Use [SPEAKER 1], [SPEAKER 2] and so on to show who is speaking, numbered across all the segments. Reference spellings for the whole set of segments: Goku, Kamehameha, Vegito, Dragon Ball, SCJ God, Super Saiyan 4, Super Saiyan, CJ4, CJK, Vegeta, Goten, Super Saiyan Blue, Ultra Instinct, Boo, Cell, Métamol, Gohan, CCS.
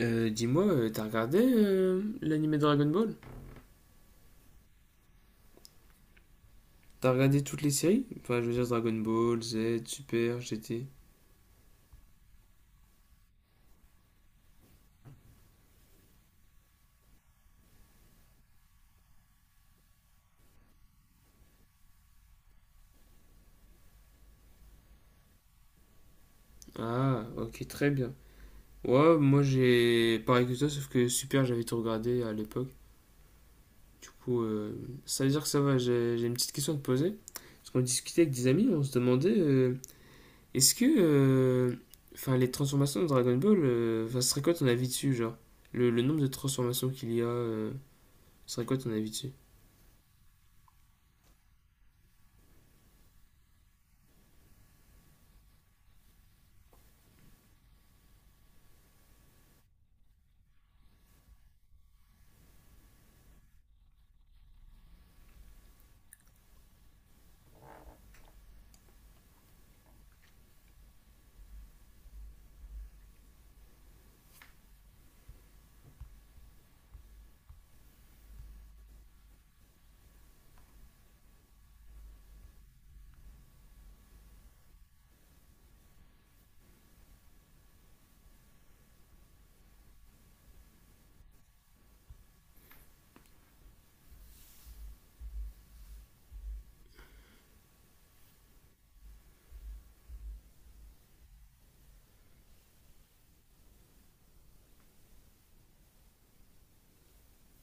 [SPEAKER 1] Dis-moi, t'as regardé l'anime Dragon Ball? T'as regardé toutes les séries? Enfin, je veux dire Dragon Ball, Z, Super, GT. Ah, ok, très bien. Ouais, moi j'ai pareil que toi, sauf que Super, j'avais tout regardé à l'époque. Du coup, ça veut dire que ça va, j'ai une petite question à te poser. Parce qu'on discutait avec des amis, on se demandait, est-ce que, enfin, les transformations de Dragon Ball, enfin, ce serait quoi ton avis dessus, genre? Le nombre de transformations qu'il y a, ce serait quoi ton avis dessus?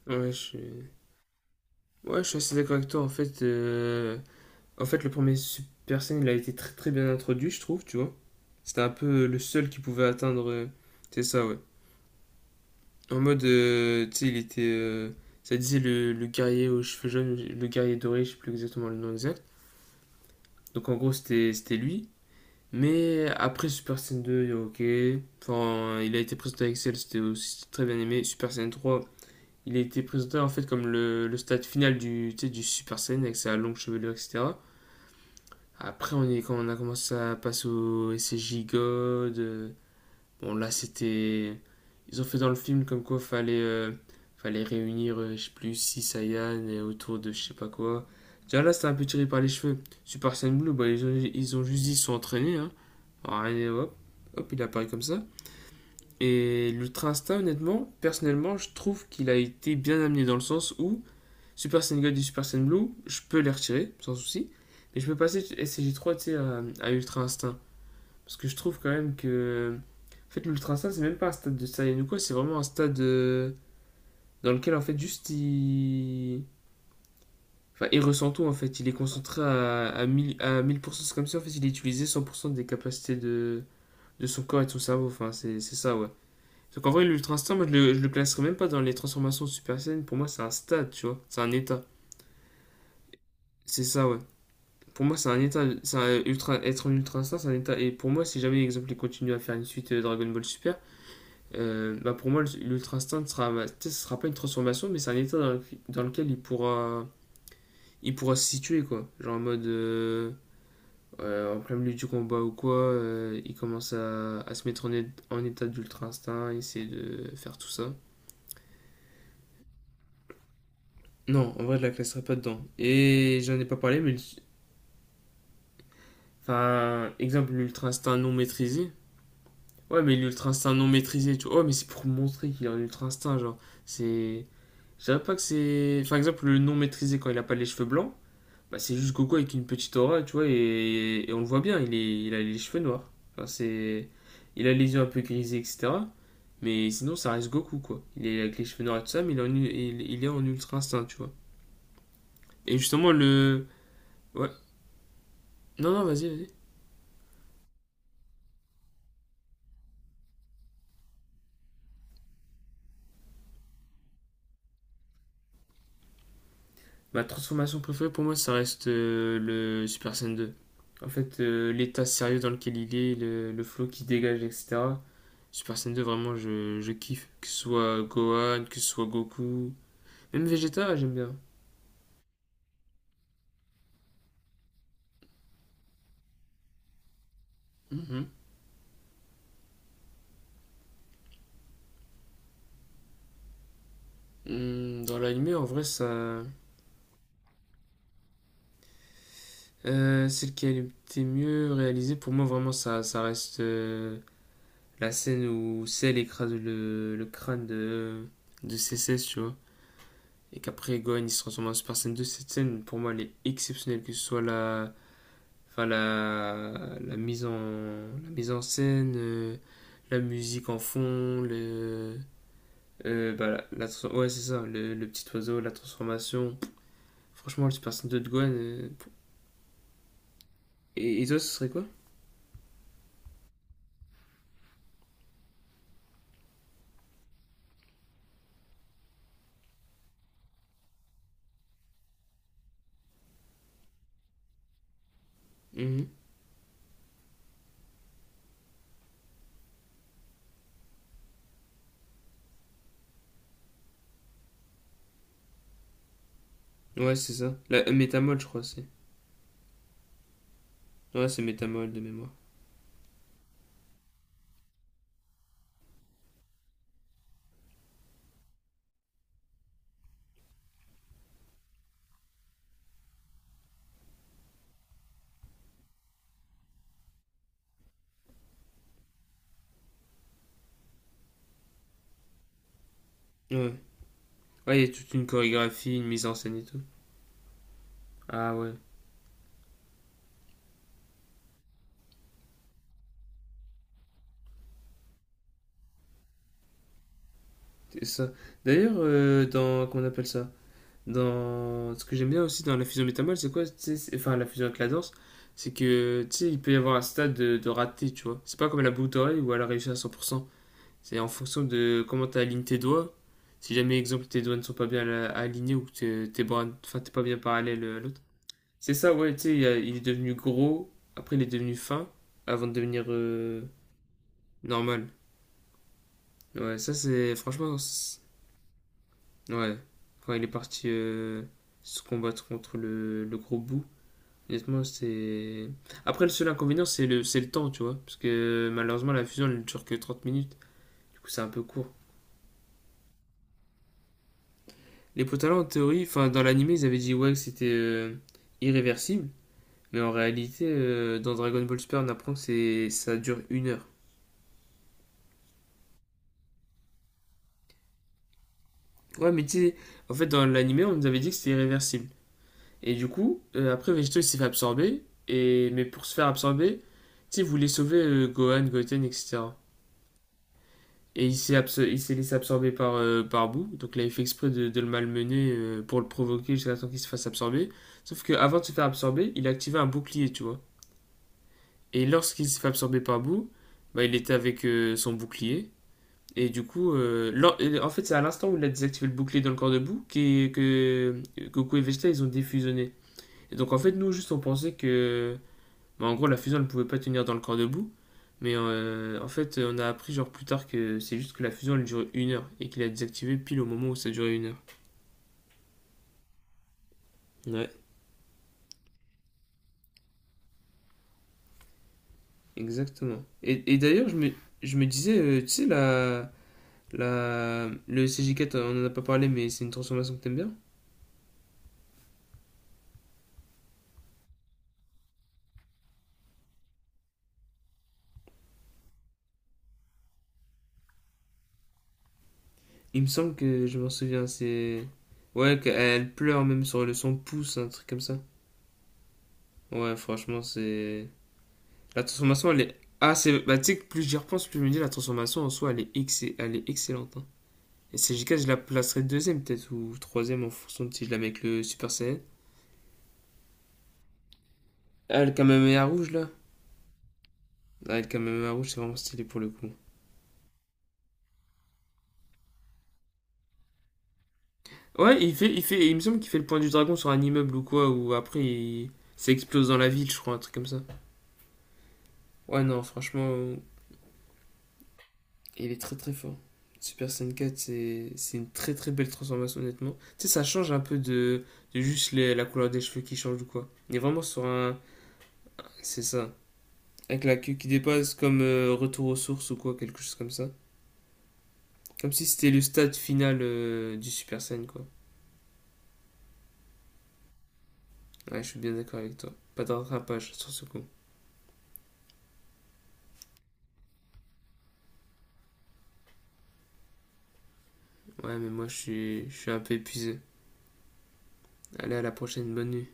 [SPEAKER 1] Ouais, je suis... Ouais, je suis assez d'accord avec toi. En fait, le premier Super Saiyan, il a été très très bien introduit, je trouve, tu vois. C'était un peu le seul qui pouvait atteindre. C'est ça, ouais. En mode, tu sais, il était. Ça disait le guerrier aux cheveux jaunes, le guerrier doré, je sais plus exactement le nom exact. Donc en gros, c'était lui. Mais après Super Saiyan deux il y a ok. Enfin, il a été présenté avec Cell, c'était aussi très bien aimé. Super Saiyan trois il a été présenté en fait comme le stade final du, tu sais, du Super Saiyan avec sa longue chevelure, etc. Après, on est, quand on a commencé à passer au SCJ God, bon là c'était. Ils ont fait dans le film comme quoi fallait réunir, je sais plus, 6 Saiyans et autour de je sais pas quoi. Déjà là c'était un peu tiré par les cheveux. Super Saiyan Blue, bah, ils ont juste dit ils sont entraînés. Hein. Alors, hop, hop, il apparaît comme ça. Et l'Ultra Instinct, honnêtement, personnellement, je trouve qu'il a été bien amené dans le sens où Super Saiyan Gold et Super Saiyan Blue, je peux les retirer, sans souci. Mais je peux passer scg trois tu sais, à Ultra Instinct. Parce que je trouve quand même que. En fait, l'Ultra Instinct, c'est même pas un stade de Saiyan ou quoi, c'est vraiment un stade dans lequel, en fait, juste il. Enfin, il ressent tout, en fait. Il est concentré à mille pour cent c'est comme ça, en fait, il a utilisé 100% des capacités de son corps et de son cerveau. Enfin, c'est ça, ouais. Donc, en vrai, l'Ultra Instinct, moi, je le classerais même pas dans les transformations de Super Saiyan. Pour moi, c'est un stade, tu vois. C'est un état. C'est ça, ouais. Pour moi, c'est un état, c'est un ultra, être en ultra instinct, c'est un état. Et pour moi, si jamais, exemple, ils continuent à faire une suite Dragon Ball Super, bah pour moi, l'ultra instinct sera, bah, ce sera pas une transformation, mais c'est un état dans, dans lequel il pourra se situer quoi. Genre en mode, en plein milieu du combat ou quoi, il commence à se mettre en, en état d'ultra instinct, essayer de faire tout ça. Non, en vrai, je la classerai pas dedans. Et j'en ai pas parlé, mais, enfin, exemple, l'ultra instinct non maîtrisé. Ouais, mais l'ultra instinct non maîtrisé, tu vois. Ouais, mais c'est pour montrer qu'il a un ultra instinct, genre. C'est. Je dirais pas que c'est. Par exemple, le non maîtrisé quand il a pas les cheveux blancs, bah c'est juste Goku avec une petite aura, tu vois, et on le voit bien, il, est... il a les cheveux noirs. Enfin, c'est. Il a les yeux un peu grisés, etc. Mais sinon, ça reste Goku, quoi. Il est avec les cheveux noirs et tout ça, mais il est en ultra instinct, tu vois. Et justement, le. Ouais. Non, non, vas-y, vas-y. Ma transformation préférée pour moi, ça reste le Super Saiyan 2. En fait, l'état sérieux dans lequel il est, le flow qui dégage, etc. Super Saiyan 2, vraiment, je kiffe. Que ce soit Gohan, que ce soit Goku. Même Vegeta, j'aime bien. Mhm. Dans l'anime, en vrai, ça. Celle qui a été mieux réalisée, pour moi, vraiment, ça reste la scène où Cell écrase le crâne de CCS, tu vois. Et qu'après Gohan il se transforme en Super Saiyan 2, cette scène pour moi elle est exceptionnelle, que ce soit la, enfin, mise, en, la mise en scène, la musique en fond, le, bah, ouais, c'est ça, petit oiseau, la transformation. Franchement, le Super Saiyan 2 de Gohan. Et, toi, ce serait quoi mm -hmm. Ouais, c'est ça. La Métamol, je crois, c'est. Ouais, c'est Métamol de mémoire. Ouais. Ouais, il y a toute une chorégraphie, une mise en scène et tout. Ah ouais, c'est ça. D'ailleurs, dans. Comment on appelle ça Dans... Ce que j'aime bien aussi dans la fusion métamol, c'est quoi? Tu sais, enfin, la fusion avec la danse, c'est que, tu sais, il peut y avoir un stade de raté, tu vois. C'est pas comme la boucle d'oreille où elle a réussi à 100%. C'est en fonction de comment tu alignes tes doigts. Si jamais, exemple, tes doigts ne sont pas bien alignés ou que tes bras, enfin, t'es pas bien parallèle à l'autre. C'est ça, ouais, tu sais, il est devenu gros, après il est devenu fin, avant de devenir normal. Ouais, ça c'est, franchement, ouais. Quand il est parti se combattre contre le gros bout. Honnêtement, c'est. Après, le seul inconvénient, c'est le temps, tu vois. Parce que malheureusement, la fusion, elle ne dure que 30 minutes. Du coup, c'est un peu court. Les potalons, en théorie, enfin, dans l'anime, ils avaient dit ouais, que c'était irréversible. Mais en réalité, dans Dragon Ball Super, on apprend que c'est, ça dure une heure. Ouais, mais tu sais, en fait, dans l'anime, on nous avait dit que c'était irréversible. Et du coup, après, Vegito, il s'est fait absorber. Et... Mais pour se faire absorber, tu sais, il voulait sauver Gohan, Goten, etc. Et il s'est laissé absorber par, par Boo. Donc là, il fait exprès de le malmener pour le provoquer jusqu'à temps qu'il se fasse absorber. Sauf qu'avant de se faire absorber, il a activé un bouclier, tu vois. Et lorsqu'il s'est fait absorber par Boo, bah, il était avec son bouclier. Et du coup, et en fait, c'est à l'instant où il a désactivé le bouclier dans le corps de Boo que Goku et Vegeta, ils ont défusionné. Et donc en fait, nous, juste on pensait que bah, en gros, la fusion, elle pouvait pas tenir dans le corps debout. Mais en fait, on a appris genre plus tard que c'est juste que la fusion, elle durait une heure et qu'il a désactivé pile au moment où ça durait une heure. Ouais, exactement. Et d'ailleurs, je me disais, tu sais, le CJ4, on en a pas parlé, mais c'est une transformation que t'aimes bien. Il me semble que je m'en souviens, c'est. Ouais, qu'elle pleure même sur le son pouce, un truc comme ça. Ouais, franchement, c'est. La transformation, elle est. Ah, c'est. Bah, tu sais, que plus j'y repense, plus je me dis, la transformation en soi, elle est excellente. Hein. Et CJK, je la placerai deuxième peut-être, ou troisième en fonction de si je la mets avec le Super Saiyan. Ah, le Kamehameha rouge là. Ah, le Kamehameha rouge, c'est vraiment stylé pour le coup. Ouais, il fait, il me semble qu'il fait le point du dragon sur un immeuble ou quoi, ou après il s'explose dans la ville, je crois, un truc comme ça. Ouais, non, franchement, il est très très fort. Super Saiyan 4, c'est une très très belle transformation, honnêtement. Tu sais, ça change un peu de juste la couleur des cheveux qui change ou quoi. Il est vraiment sur un. C'est ça. Avec la queue qui dépasse, comme retour aux sources ou quoi, quelque chose comme ça. Comme si c'était le stade final du Super Saiyan, quoi. Ouais, je suis bien d'accord avec toi. Pas de rattrapage sur ce coup. Ouais, mais moi, je suis un peu épuisé. Allez, à la prochaine, bonne nuit.